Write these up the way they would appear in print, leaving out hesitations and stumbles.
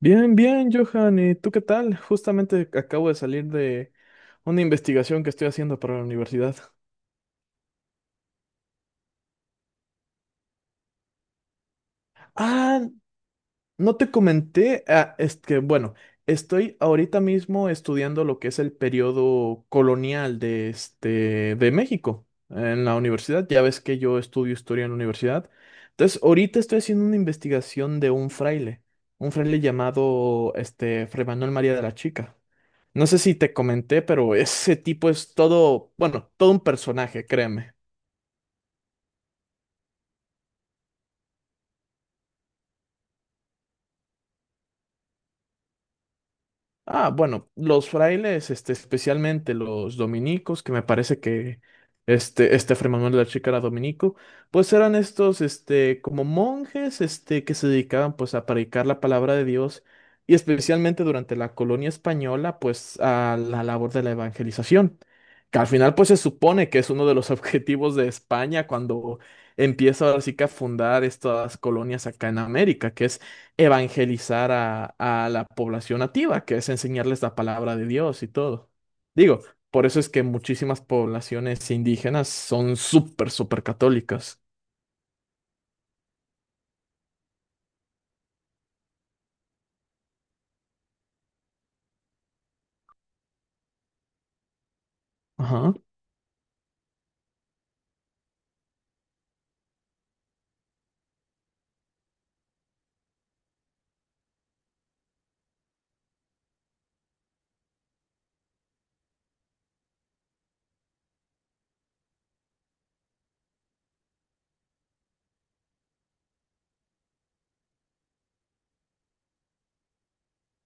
Bien, bien, Johan. ¿Y tú qué tal? Justamente acabo de salir de una investigación que estoy haciendo para la universidad. Ah, no te comenté. Ah, es que, bueno, estoy ahorita mismo estudiando lo que es el periodo colonial de, de México en la universidad. Ya ves que yo estudio historia en la universidad. Entonces, ahorita estoy haciendo una investigación de un fraile llamado Fray Manuel María de la Chica. No sé si te comenté, pero ese tipo es todo, bueno, todo un personaje, créeme. Ah, bueno, los frailes, especialmente los dominicos, que me parece que este Fray Manuel de la Chica era dominico, pues eran estos, como monjes, que se dedicaban, pues, a predicar la palabra de Dios y especialmente durante la colonia española, pues, a la labor de la evangelización, que al final, pues, se supone que es uno de los objetivos de España cuando empieza ahora sí que a fundar estas colonias acá en América, que es evangelizar a la población nativa, que es enseñarles la palabra de Dios y todo. Digo, por eso es que muchísimas poblaciones indígenas son súper, súper católicas. Ajá.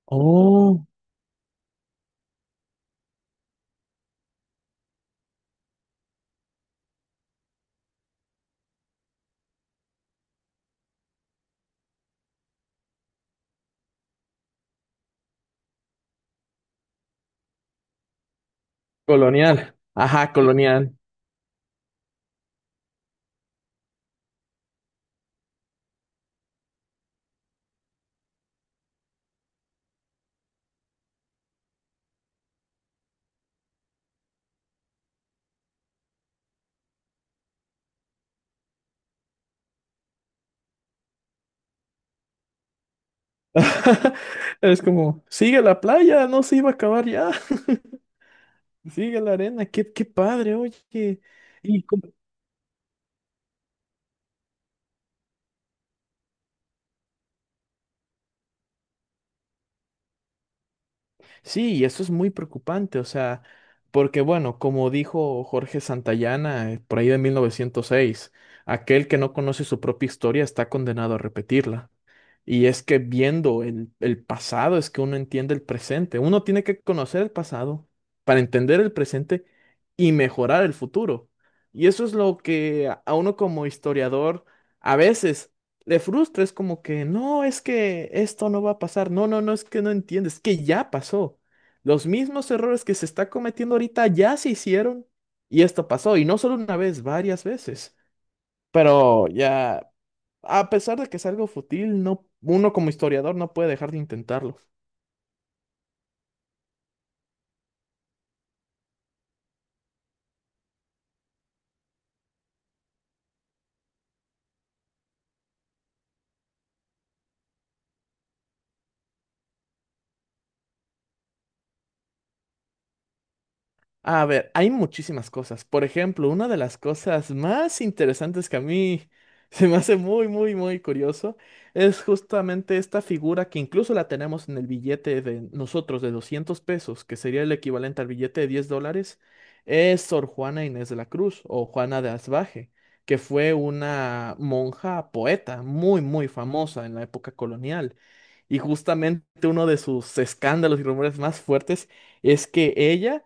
Oh, colonial. Ajá, colonial. Es como, sigue la playa, no se iba a acabar ya. Sigue la arena, qué padre, oye. Y Sí, y eso es muy preocupante, o sea, porque bueno, como dijo Jorge Santayana por ahí de 1906, aquel que no conoce su propia historia está condenado a repetirla. Y es que viendo el pasado es que uno entiende el presente. Uno tiene que conocer el pasado para entender el presente y mejorar el futuro. Y eso es lo que a uno como historiador a veces le frustra. Es como que, no, es que esto no va a pasar. No, no, no, es que no entiendes, es que ya pasó. Los mismos errores que se está cometiendo ahorita ya se hicieron y esto pasó. Y no solo una vez, varias veces. Pero ya. A pesar de que es algo fútil, no, uno como historiador no puede dejar de intentarlo. A ver, hay muchísimas cosas. Por ejemplo, una de las cosas más interesantes que a mí se me hace muy, muy, muy curioso es justamente esta figura que incluso la tenemos en el billete de nosotros de 200 pesos, que sería el equivalente al billete de $10, es Sor Juana Inés de la Cruz o Juana de Asbaje, que fue una monja poeta muy, muy famosa en la época colonial. Y justamente uno de sus escándalos y rumores más fuertes es que ella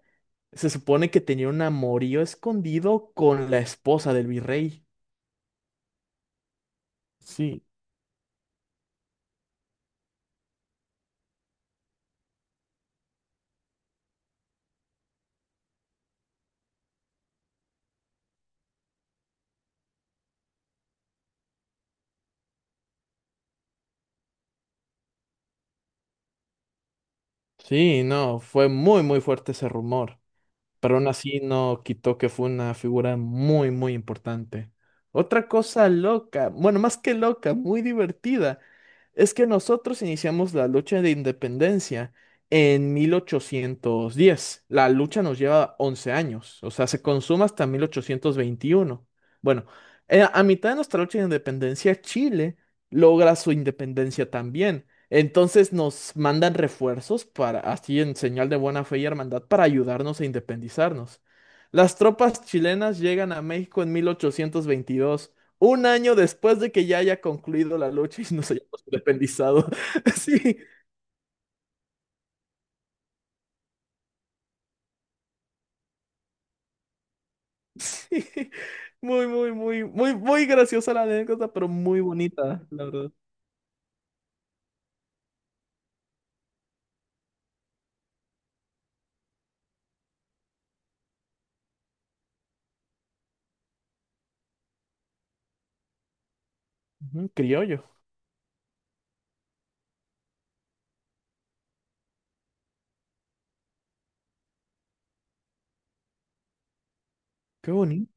se supone que tenía un amorío escondido con la esposa del virrey. Sí, sí, no, fue muy, muy fuerte ese rumor. Pero aún así no quitó que fue una figura muy, muy importante. Otra cosa loca, bueno, más que loca, muy divertida, es que nosotros iniciamos la lucha de independencia en 1810. La lucha nos lleva 11 años, o sea, se consuma hasta 1821. Bueno, a mitad de nuestra lucha de independencia, Chile logra su independencia también. Entonces nos mandan refuerzos para, así en señal de buena fe y hermandad, para ayudarnos a independizarnos. Las tropas chilenas llegan a México en 1822, un año después de que ya haya concluido la lucha y nos hayamos independizado. Sí, sí. Muy, muy, muy, muy, muy graciosa la anécdota, pero muy bonita, la verdad. Ujú, criollo, qué bonito.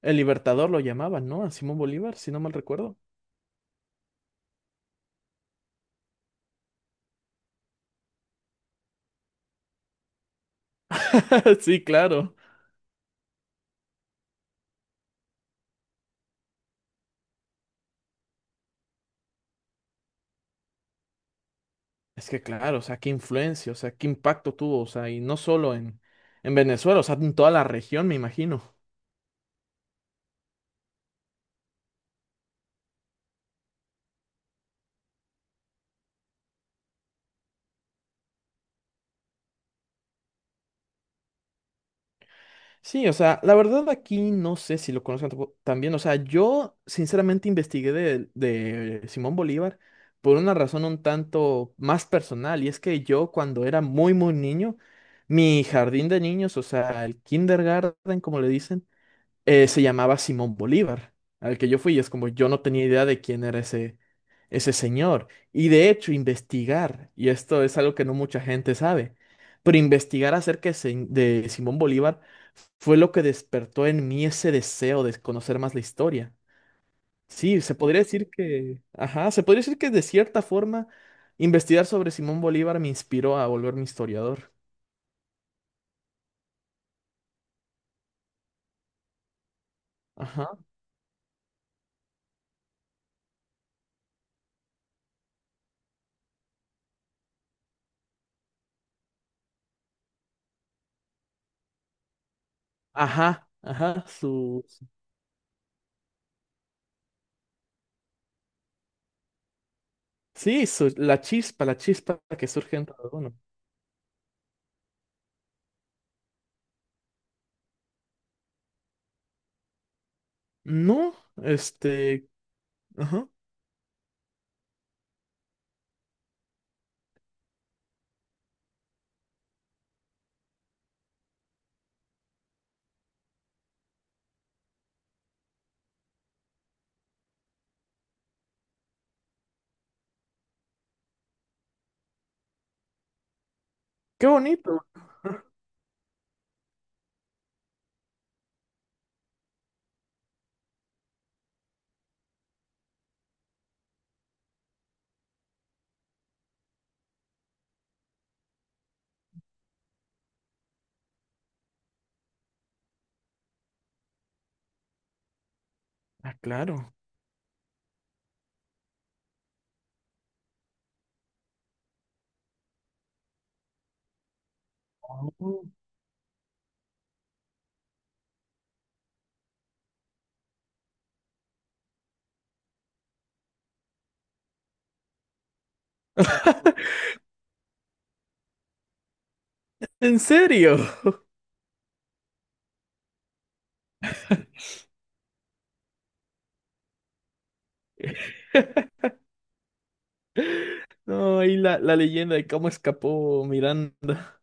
El Libertador lo llamaban, ¿no? A Simón Bolívar, si no mal recuerdo. Sí, claro. Es que claro, o sea, qué influencia, o sea, qué impacto tuvo, o sea, y no solo en Venezuela, o sea, en toda la región, me imagino. Sí, o sea, la verdad aquí no sé si lo conocen también, o sea, yo sinceramente investigué de Simón Bolívar por una razón un tanto más personal, y es que yo cuando era muy, muy niño, mi jardín de niños, o sea, el kindergarten, como le dicen, se llamaba Simón Bolívar, al que yo fui, y es como yo no tenía idea de quién era ese señor. Y de hecho, investigar, y esto es algo que no mucha gente sabe, pero investigar acerca de Simón Bolívar fue lo que despertó en mí ese deseo de conocer más la historia. Sí, se podría decir que, ajá, se podría decir que de cierta forma investigar sobre Simón Bolívar me inspiró a volverme historiador. Ajá, ajá, ajá, su Sí, la chispa que surge dentro de uno. No, este, ajá, qué bonito. Ah, claro. Oh. ¿En serio? No, y la leyenda de cómo escapó Miranda.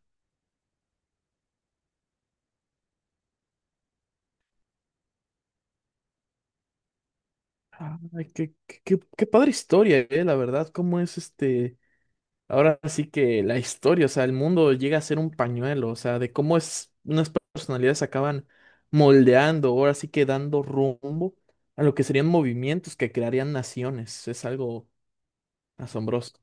Ay, qué padre historia, la verdad, cómo es este. Ahora sí que la historia, o sea, el mundo llega a ser un pañuelo, o sea, de cómo es unas personalidades acaban moldeando, ahora sí que dando rumbo a lo que serían movimientos que crearían naciones. Es algo asombroso.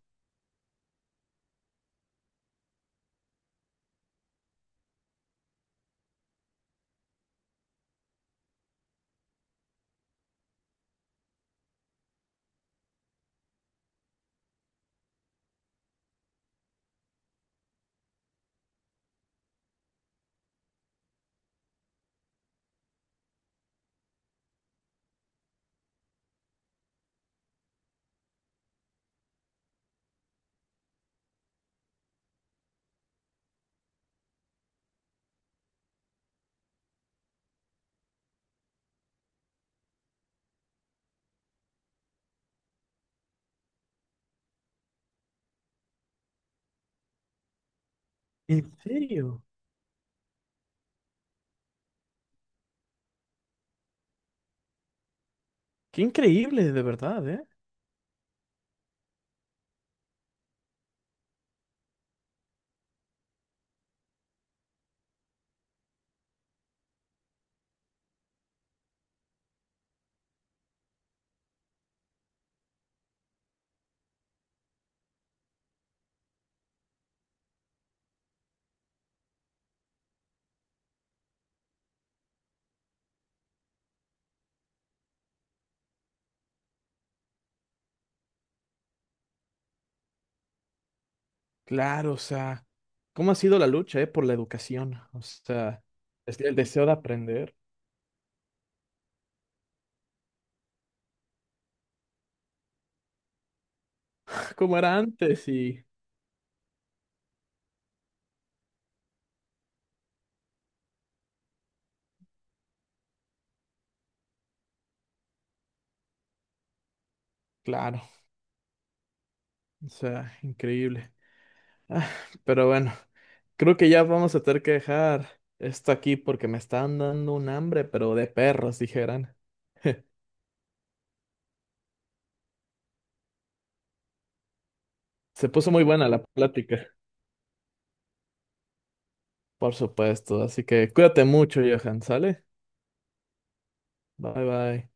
¿En serio? Qué increíble, de verdad, ¿eh? Claro, o sea, cómo ha sido la lucha, ¿eh? Por la educación, o sea, es el deseo de aprender, como era antes y claro, o sea, increíble. Ah, pero bueno. Creo que ya vamos a tener que dejar esto aquí porque me están dando un hambre, pero de perros, dijeran. Se puso muy buena la plática, por supuesto. Así que cuídate mucho, Johan, ¿sale? Bye bye.